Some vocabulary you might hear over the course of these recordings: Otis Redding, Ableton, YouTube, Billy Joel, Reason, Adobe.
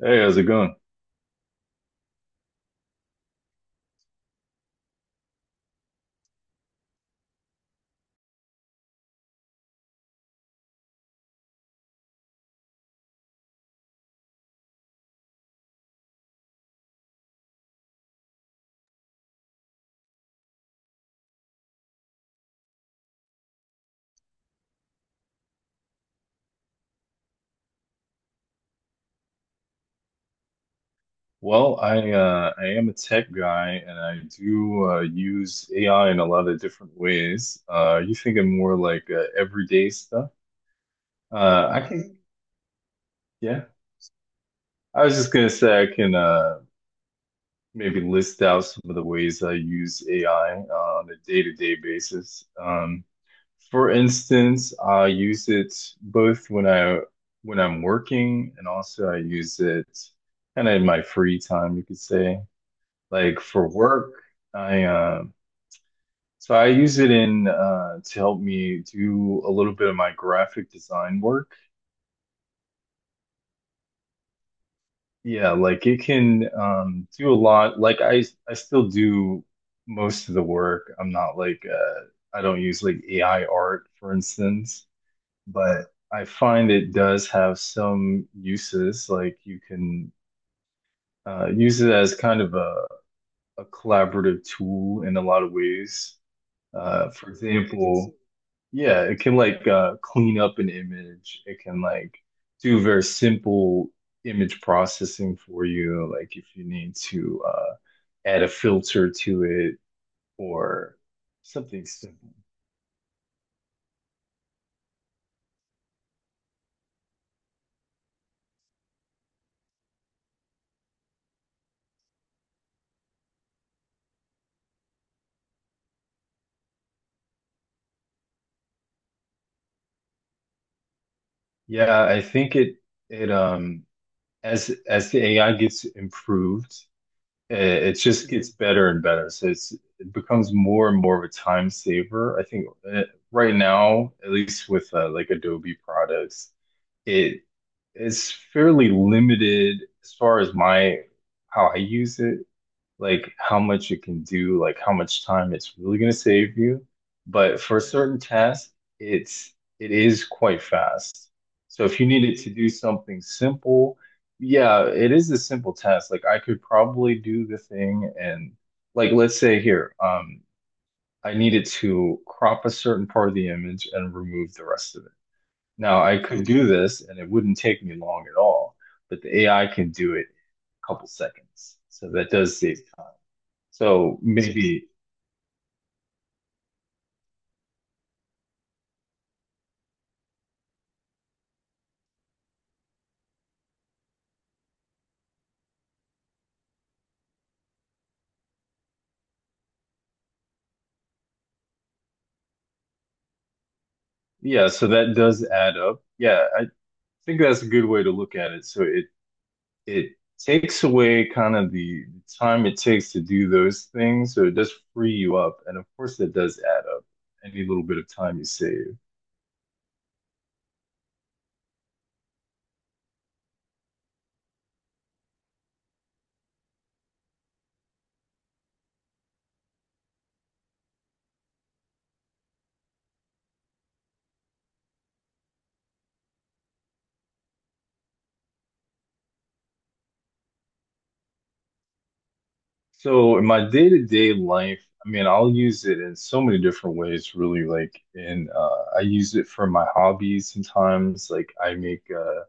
Hey, how's it going? Well, I am a tech guy and I do use AI in a lot of different ways. You thinking more like everyday stuff? I can, yeah. I was just gonna say I can maybe list out some of the ways I use AI on a day-to-day basis. For instance, I use it both when I'm working, and also I use it kind of in my free time, you could say. Like for work, I so I use it in to help me do a little bit of my graphic design work. Yeah, like it can do a lot. Like I still do most of the work. I'm not like I don't use like AI art, for instance, but I find it does have some uses. Like you can use it as kind of a collaborative tool in a lot of ways. Uh, for example, Yeah, it can like clean up an image. It can like do very simple image processing for you, like if you need to add a filter to it or something simple. Yeah, I think it as the AI gets improved, it just gets better and better. So it becomes more and more of a time saver. I think uh, right now, at least with like Adobe products, it is fairly limited as far as my how I use it, like how much it can do, like how much time it's really going to save you. But for a certain task, it's it is quite fast. So if you needed to do something simple, yeah, it is a simple task. Like I could probably do the thing, and like let's say here, I needed to crop a certain part of the image and remove the rest of it. Now I could do this and it wouldn't take me long at all, but the AI can do it in a couple seconds. So that does save time. So maybe, yeah, so that does add up. Yeah, I think that's a good way to look at it. So it takes away kind of the time it takes to do those things, so it does free you up. And of course that does add up, any little bit of time you save. So in my day-to-day life, I mean, I'll use it in so many different ways, really. Like in I use it for my hobbies sometimes.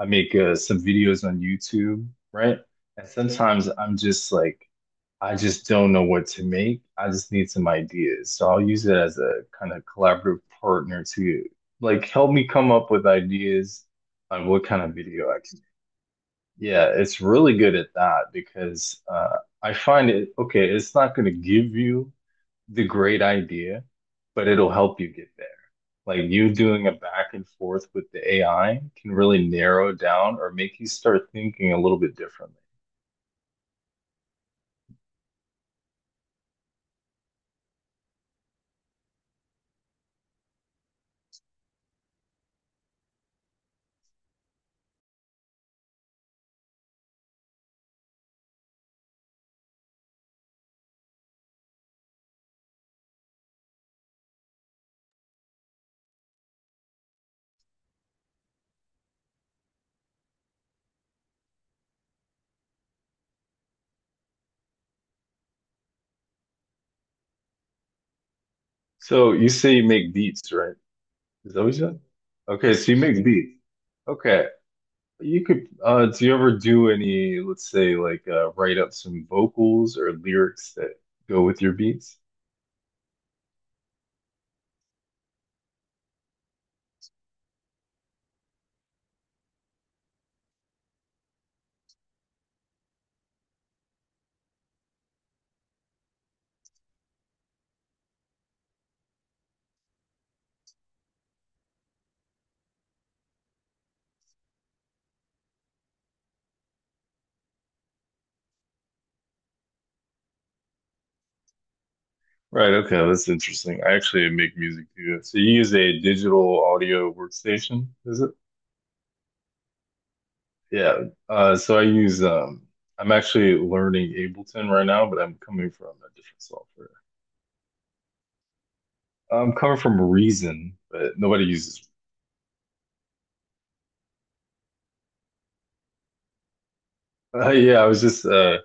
I make some videos on YouTube, right? And sometimes I'm just like, I just don't know what to make. I just need some ideas. So I'll use it as a kind of collaborative partner to like help me come up with ideas on what kind of video I can. Yeah, it's really good at that because I find it okay, it's not going to give you the great idea, but it'll help you get there. Like you doing a back and forth with the AI can really narrow down or make you start thinking a little bit differently. So you say you make beats, right? Is that what you said? Okay, so you make beats. Okay. You could do you ever do any, let's say like write up some vocals or lyrics that go with your beats? Right, okay, that's interesting. I actually make music too. So you use a digital audio workstation, is it? Yeah. So I use I'm actually learning Ableton right now, but I'm coming from a different software. I'm coming from Reason, but nobody uses. Yeah, I was just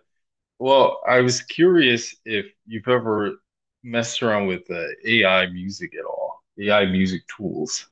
Well, I was curious if you've ever messed around with AI music at all, AI music tools.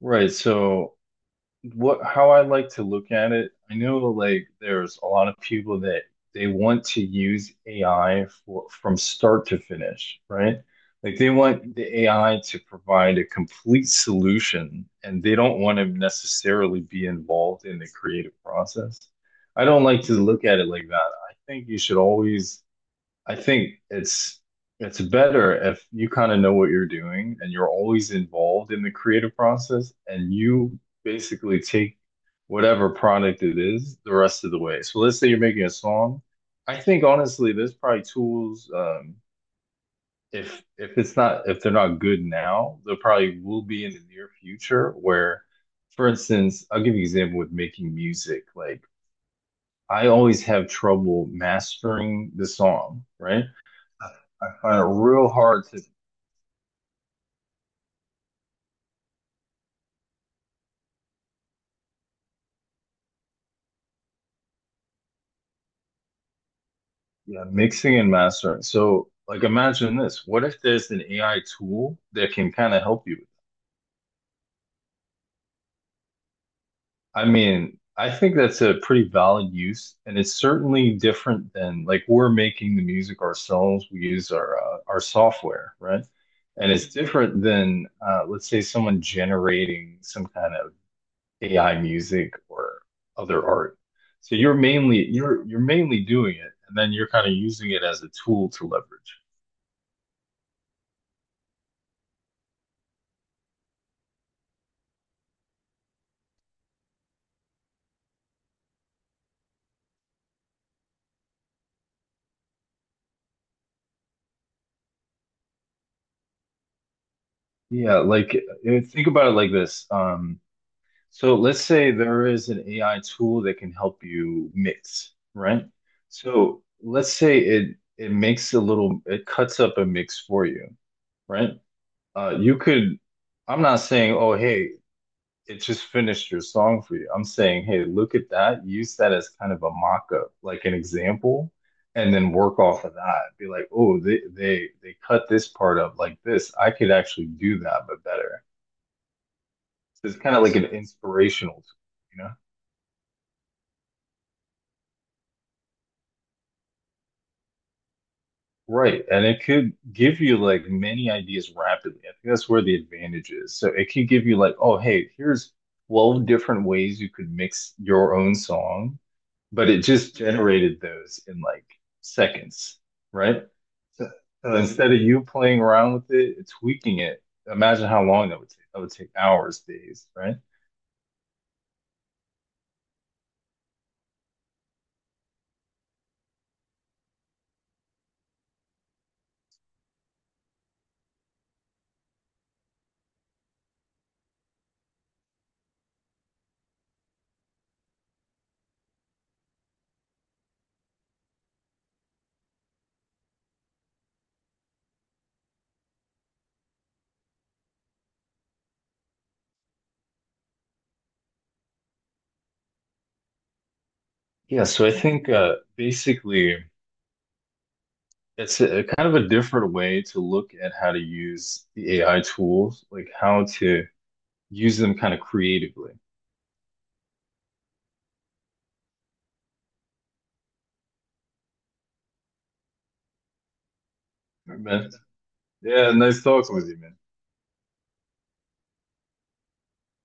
Right. So what how I like to look at it, I know like there's a lot of people that they want to use AI for, from start to finish, right? Like they want the AI to provide a complete solution and they don't want to necessarily be involved in the creative process. I don't like to look at it like that. I think you should always I think it's better if you kind of know what you're doing and you're always involved in the creative process, and you basically take whatever product it is the rest of the way. So let's say you're making a song. I think honestly, there's probably tools if it's not if they're not good now, they probably will be in the near future where, for instance, I'll give you an example with making music. Like I always have trouble mastering the song, right? I I find it real hard to yeah, mixing and mastering. So, like, imagine this. What if there's an AI tool that can kind of help you? I mean, I think that's a pretty valid use, and it's certainly different than like we're making the music ourselves. We use our software, right? And it's different than let's say someone generating some kind of AI music or other art. So you're mainly doing it, and then you're kind of using it as a tool to leverage. Yeah, like think about it like this. So let's say there is an AI tool that can help you mix, right? So let's say it makes a little it cuts up a mix for you, right? You could I'm not saying, oh, hey, it just finished your song for you. I'm saying, hey, look at that. Use that as kind of a mock-up, like an example, and then work off of that. Be like, oh, they cut this part up like this. I could actually do that, but better. So it's kind of like an inspirational tool, you know? Right. And it could give you like many ideas rapidly. I think that's where the advantage is. So it could give you like, oh, hey, here's 12 different ways you could mix your own song, but it just generated those in like seconds, right? So, so instead of you playing around with it, it's tweaking it. Imagine how long that would take. That would take hours, days, right? Yeah, so I think basically it's a kind of a different way to look at how to use the AI tools, like how to use them kind of creatively. Right, man? Yeah, nice talking with you, man.